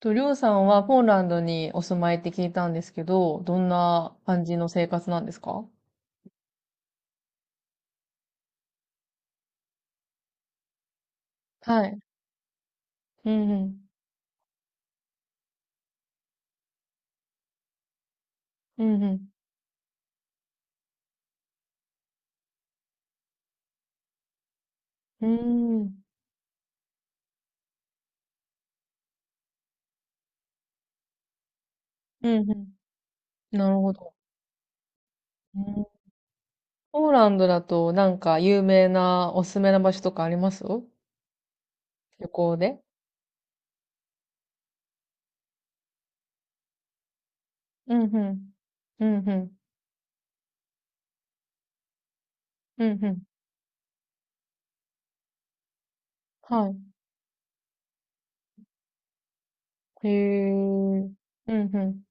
と、りょうさんはポーランドにお住まいって聞いたんですけど、どんな感じの生活なんですか？はい。うんうん。うんうん。うん。うんうん。なるほど。うん。ポーランドだとなんか有名なおすすめな場所とかあります、旅行で？うんうん。うんうん。うんうん。はい。へえ。うんうん。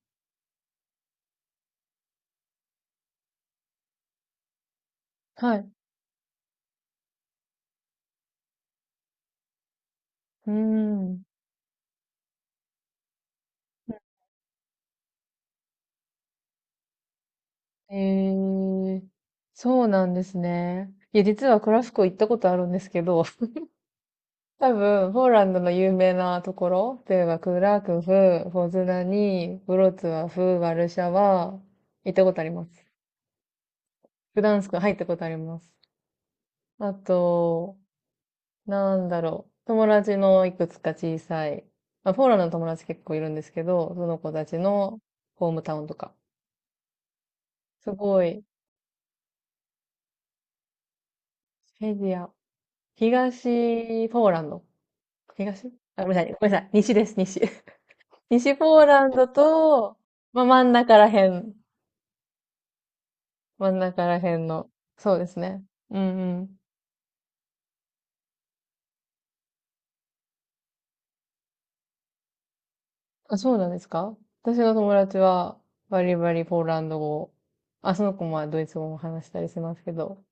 はい。うーん。へえ。そうなんですね。いや、実はクラスコ行ったことあるんですけど、多分、ポーランドの有名なところというかクラクフ、ポズダニ、ブロツワフ、ワルシャワ、行ったことあります。グダンスク入ったことあります。あと、なんだろう。友達のいくつか小さい、まあ、ポーランドの友達結構いるんですけど、その子たちのホームタウンとか。すごい、フェディア、東ポーランド。東。あ、ごめんなさい、ごめんなさい。西です、西。西ポーランドと、まあ、真ん中らへん。真ん中ら辺の。そうですね。うんうん。あ、そうなんですか？私の友達は、バリバリポーランド語を。あ、その子もドイツ語も話したりしますけど。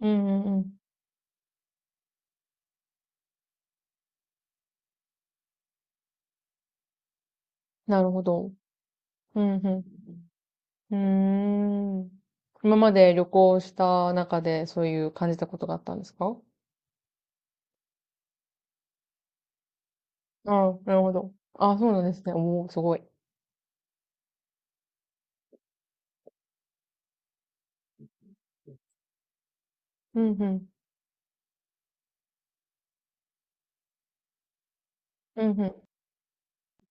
うんうんうん。なるほど。うんうん。うーん。今まで旅行した中でそういう感じたことがあったんですか？ああ、なるほど。ああ、そうなんですね。おお、すごい。うんうん。うんうん。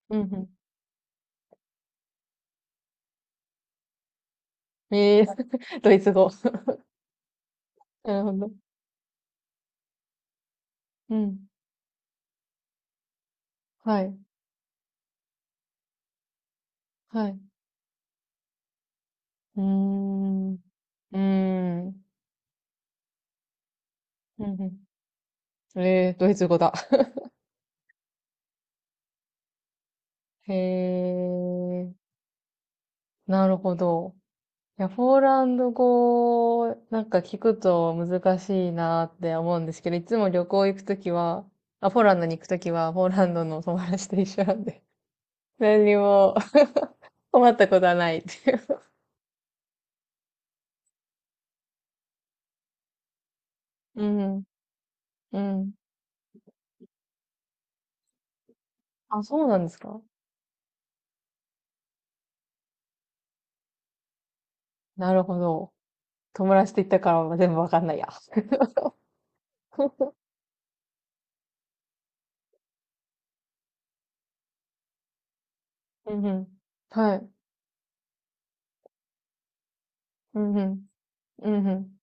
うんうん。ええ、 ドイツ語。なるほど。うん。はい。はい。うーん。うーん。うんうん、えー、ドイツ語だ。へえ、なるほど。いや、ポーランド語、なんか聞くと難しいなって思うんですけど、いつも旅行行くときは、あ、ポーランドに行くときは、ポーランドの友達と一緒なんで、何にも 困ったことはないっていう。うん、うん。あ、そうなんですか？なるほど。友達と行ったから全部わかんないや。うんうん。はい。うんうん。うん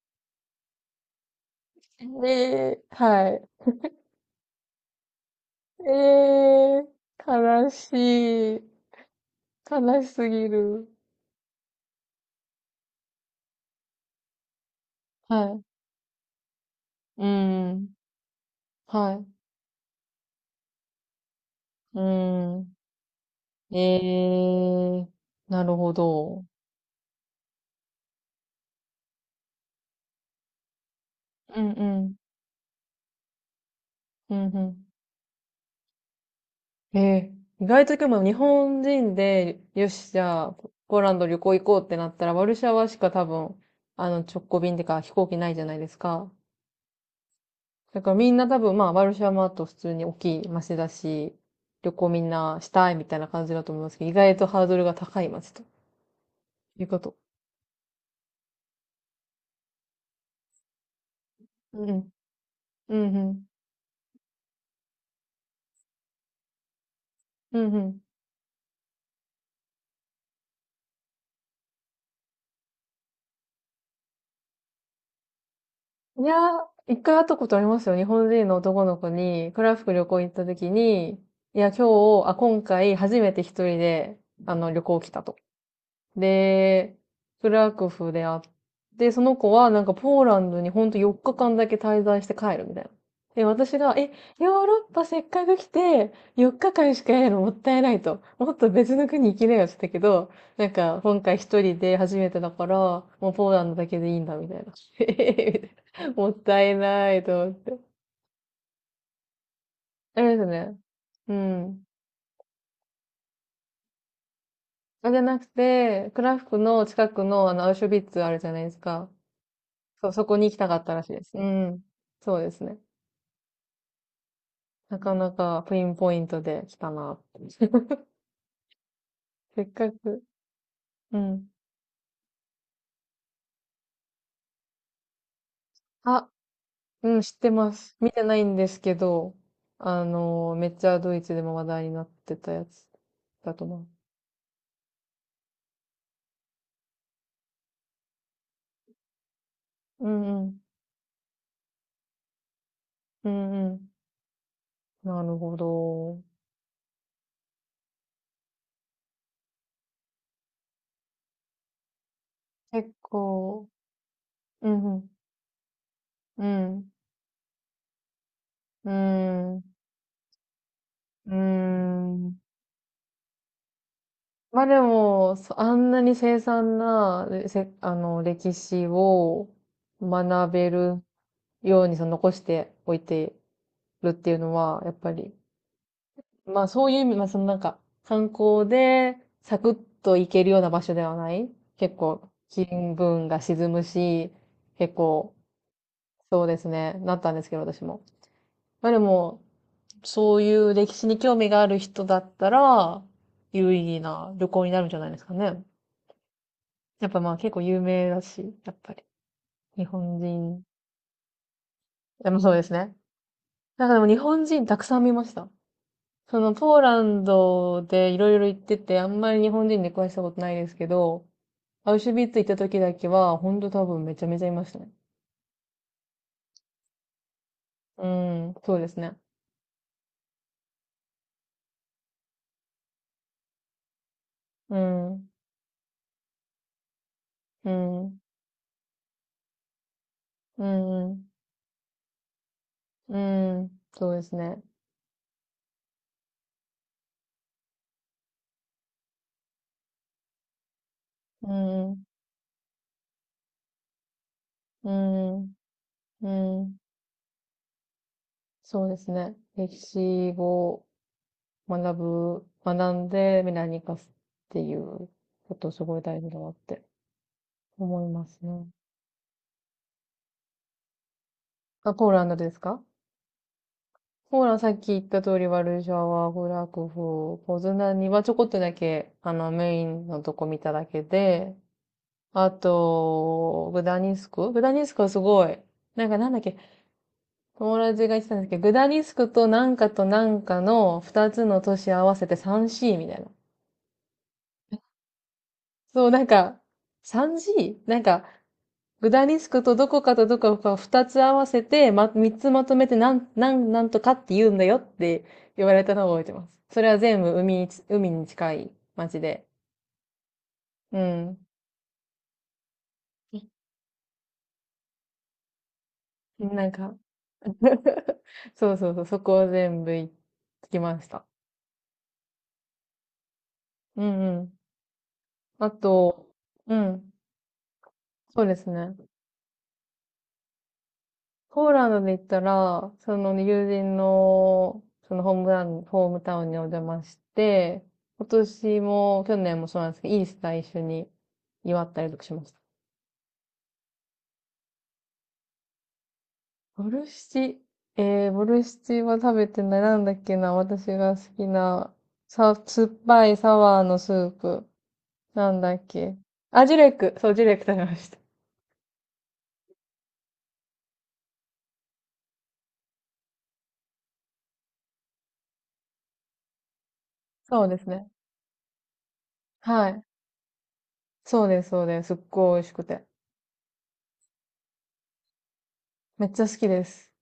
うん。で、はい。えー、悲しい。悲しすぎる。はい。うん。はい。うん。えー、なるほど。うんうん。うんうん。えー、意外と今日本人で、よし、じゃあ、ポーランド旅行行こうってなったら、ワルシャワしか多分、直行便ってか飛行機ないじゃないですか。だからみんな多分まあ、ワルシャワマート普通に大きい街だし、旅行みんなしたいみたいな感じだと思いますけど、意外とハードルが高い街ということ。うん。うんうん。うんうん。いやー、一回会ったことありますよ。日本人の男の子に、クラフク旅行行った時に、いや、今日、あ、今回初めて一人で、旅行来たと。で、クラクフで会って、その子はなんかポーランドにほんと4日間だけ滞在して帰るみたいな。で、私が、え、ヨーロッパせっかく来て、4日間しかいないのもったいないと。もっと別の国行きなよって言ったけど、なんか今回一人で初めてだから、もうポーランドだけでいいんだみたいな。えへへ。もったいないと思って。あれですね。うん。あ、じゃなくて、クラフクの近くのあの、アウシュビッツあるじゃないですか。そう、そこに行きたかったらしいです。うん。そうですね。なかなかピンポイントで来たな。せっかく。うん。あ、うん、知ってます。見てないんですけど、めっちゃドイツでも話題になってたやつだと思う。うんうん。うんうん。なるほど。結構、うんうん。うん。うん。うん。まあでも、あんなに凄惨な、でせ、あの、歴史を学べるようにその残しておいてるっていうのは、やっぱり、まあそういう意味、まあそのなんか、観光でサクッと行けるような場所ではない。結構、気分が沈むし、結構、そうですね、なったんですけど、私も。まあでも、そういう歴史に興味がある人だったら、有意義な旅行になるんじゃないですかね。やっぱまあ結構有名だし、やっぱり。日本人。でもそうですね。なんかでも日本人たくさん見ました。そのポーランドでいろいろ行ってて、あんまり日本人出くわしたことないですけど、アウシュビッツ行った時だけは、ほんと多分めちゃめちゃいましたね。うん、そうですね。うん、うん、うん、うん、うん、そうですね。うん、うん、うん、そうですね。歴史を学学んで未来に生かすっていうことすごい大事だなって思いますね。あ、ポーランドですか？ポーランドさっき言った通り、ワルシャワ、フラクフ、ポズナにはちょこっとだけ、メインのとこ見ただけで、あと、グダニスクはすごい、なんかなんだっけ、友達が言ってたんですけど、グダニスクとなんかとなんかの二つの都市合わせて 3C みたいな。そう、なんか、3G？ なんか、グダリスクとどこかとどこかを二つ合わせて、ま、三つまとめてなんとかって言うんだよって言われたのを覚えてます。それは全部海に近い町で。うん。なんか、そうそうそう、そこを全部行ってきました。うんうん。あと、うん、そうですね。ポーランドで行ったら、その友人の、そのホームタウンにお邪魔して、今年も、去年もそうなんですけど、イースター一緒に祝ったりとかしました。ボルシチ、ボルシチは食べてない。なんだっけな、私が好きな、酸っぱいサワーのスープ。なんだっけ。あ、ジュレック。そう、ジュレック食べました。そうですね。はい。そうです、そうです。すっごい美味しくて。めっちゃ好きです。